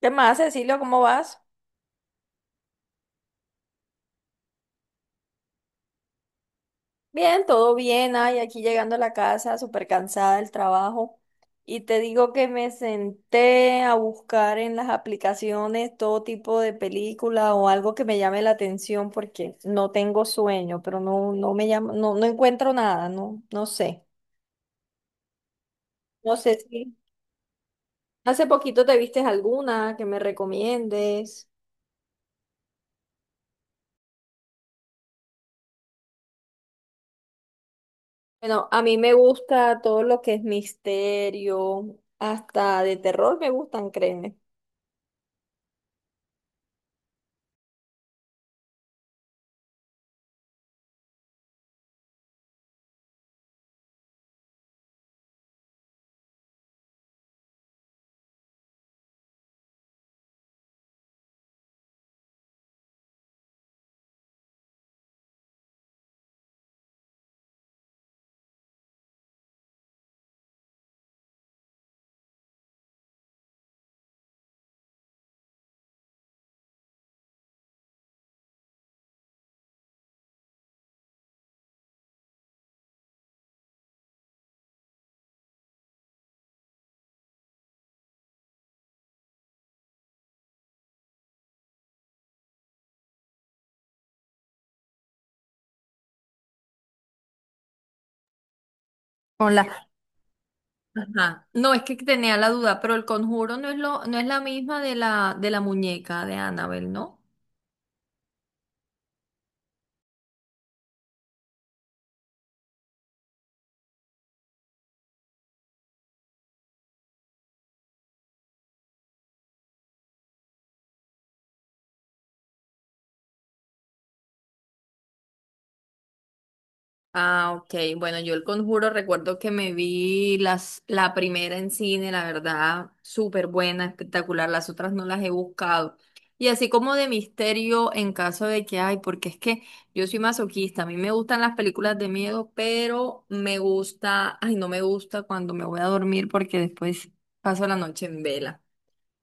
¿Qué más, Cecilio? ¿Cómo vas? Bien, todo bien. Ay, aquí llegando a la casa, súper cansada del trabajo. Y te digo que me senté a buscar en las aplicaciones todo tipo de película o algo que me llame la atención porque no tengo sueño, pero no, no me llama, no, no encuentro nada, no, no sé. No sé si hace poquito te vistes alguna que me recomiendes. Bueno, a mí me gusta todo lo que es misterio, hasta de terror me gustan, créeme. Con las. Ajá. No, es que tenía la duda, pero el conjuro no es lo, no es la misma de la muñeca de Annabelle, ¿no? Ah, ok. Bueno, yo el conjuro recuerdo que me vi las, la primera en cine, la verdad, súper buena, espectacular. Las otras no las he buscado. Y así como de misterio en caso de que hay, porque es que yo soy masoquista, a mí me gustan las películas de miedo, pero me gusta, ay, no me gusta cuando me voy a dormir porque después paso la noche en vela.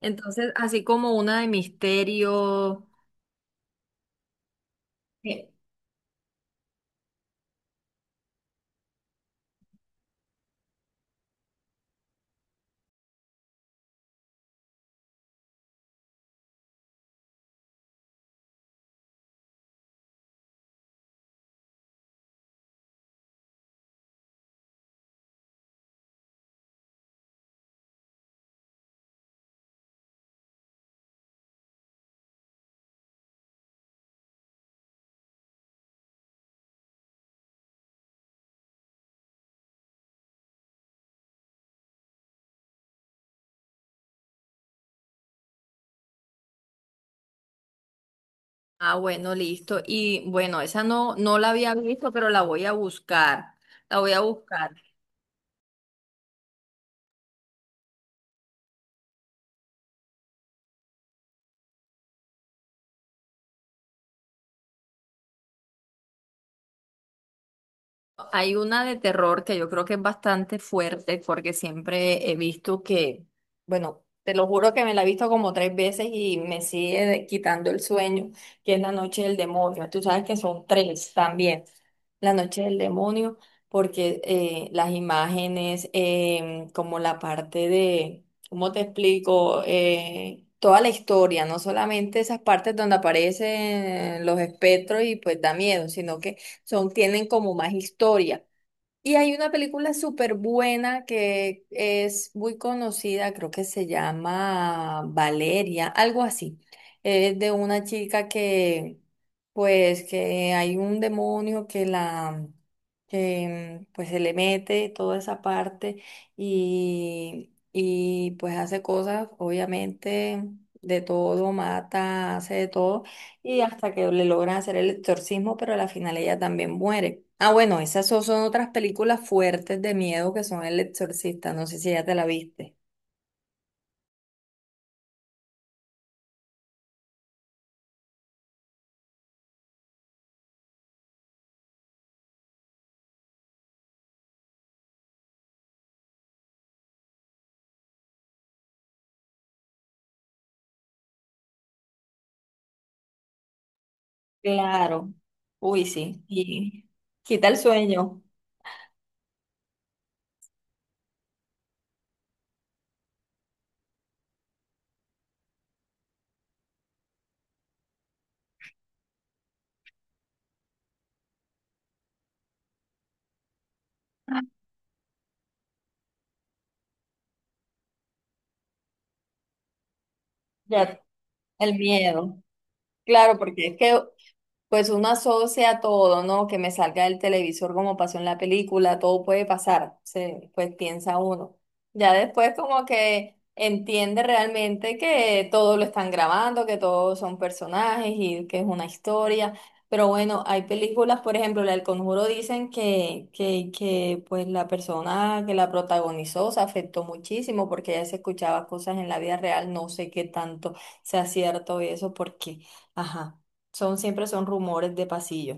Entonces, así como una de misterio. Sí. Ah, bueno, listo. Y bueno, esa no, no la había visto, pero la voy a buscar. La voy a buscar. Hay una de terror que yo creo que es bastante fuerte porque siempre he visto que, bueno, te lo juro que me la he visto como tres veces y me sigue quitando el sueño, que es La Noche del Demonio. Tú sabes que son tres también. La Noche del Demonio, porque las imágenes, como la parte de, ¿cómo te explico? Toda la historia, no solamente esas partes donde aparecen los espectros y pues da miedo, sino que son, tienen como más historia. Y hay una película súper buena que es muy conocida, creo que se llama Valeria, algo así. Es de una chica que, pues, que hay un demonio que la, que, pues, se le mete toda esa parte y pues hace cosas, obviamente, de todo, mata, hace de todo y hasta que le logran hacer el exorcismo, pero a la final ella también muere. Ah, bueno, esas son, son otras películas fuertes de miedo que son El Exorcista, no sé si ya te la viste. Claro. Uy, sí. Y quita el sueño, ya el miedo. Claro, porque es que pues uno asocia todo, ¿no? Que me salga del televisor como pasó en la película, todo puede pasar, se, pues piensa uno. Ya después como que entiende realmente que todo lo están grabando, que todos son personajes y que es una historia. Pero bueno, hay películas, por ejemplo, la del Conjuro dicen que, que pues la persona que la protagonizó se afectó muchísimo porque ella se escuchaba cosas en la vida real, no sé qué tanto sea cierto y eso porque. Ajá. Son, siempre son rumores de pasillo.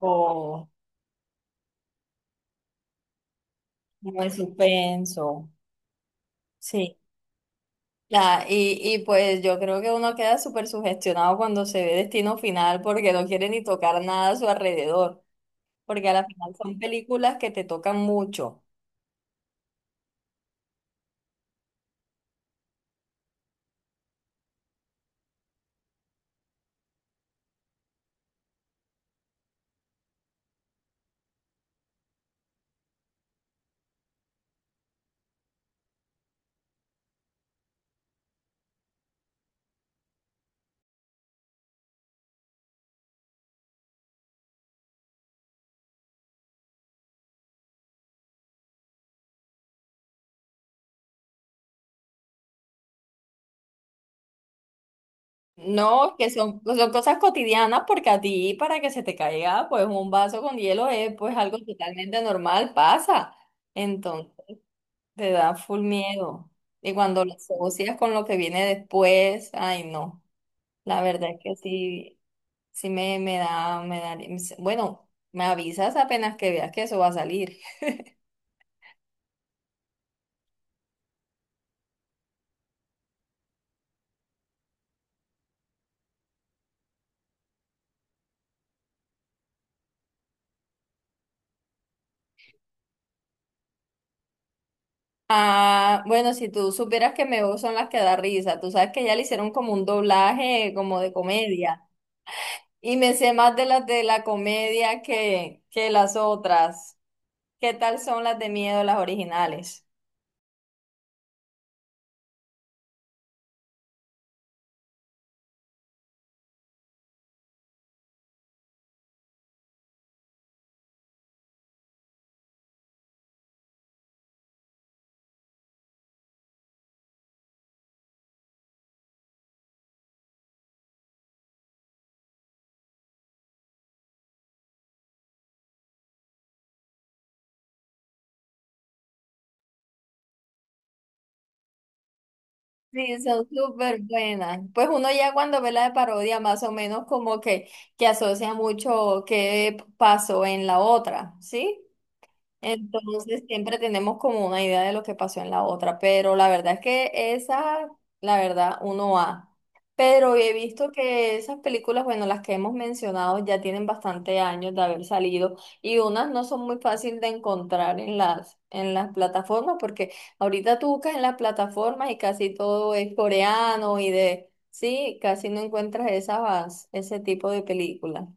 O como de suspenso. Sí. La, y pues yo creo que uno queda súper sugestionado cuando se ve Destino Final porque no quiere ni tocar nada a su alrededor. Porque a la final son películas que te tocan mucho. No, que son, pues, son cosas cotidianas porque a ti para que se te caiga pues un vaso con hielo es pues algo totalmente normal, pasa. Entonces te da full miedo. Y cuando lo asocias con lo que viene después, ay no. La verdad es que sí, sí me, me da, bueno, me avisas apenas que veas que eso va a salir. Ah, bueno, si tú supieras que Me Veo son las que da risa, tú sabes que ya le hicieron como un doblaje como de comedia. Y me sé más de las de la comedia que las otras. ¿Qué tal son las de miedo, las originales? Sí, son súper buenas. Pues uno ya cuando ve la de parodia, más o menos como que asocia mucho qué pasó en la otra, ¿sí? Entonces siempre tenemos como una idea de lo que pasó en la otra, pero la verdad es que esa, la verdad, uno va. Pero he visto que esas películas, bueno, las que hemos mencionado ya tienen bastante años de haber salido y unas no son muy fáciles de encontrar en las plataformas porque ahorita tú buscas en las plataformas y casi todo es coreano y de, sí, casi no encuentras esas, ese tipo de películas.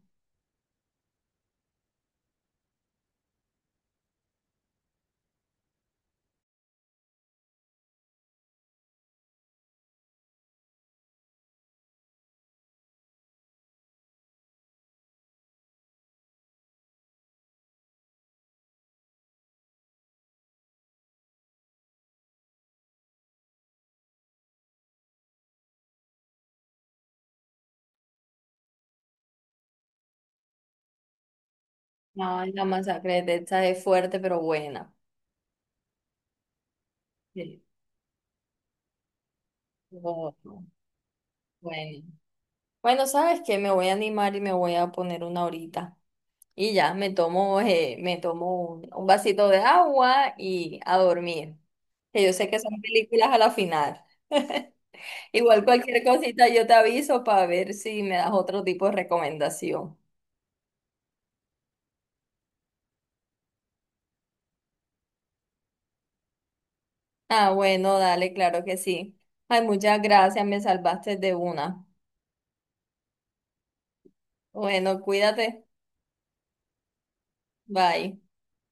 No, la masacre de Texas es fuerte, pero buena. Sí. Oh, bueno, bueno, sabes que me voy a animar y me voy a poner una horita. Y ya, me tomo un vasito de agua y a dormir. Que yo sé que son películas a la final. Igual cualquier cosita yo te aviso para ver si me das otro tipo de recomendación. Ah, bueno, dale, claro que sí. Ay, muchas gracias, me salvaste de una. Bueno, cuídate. Bye.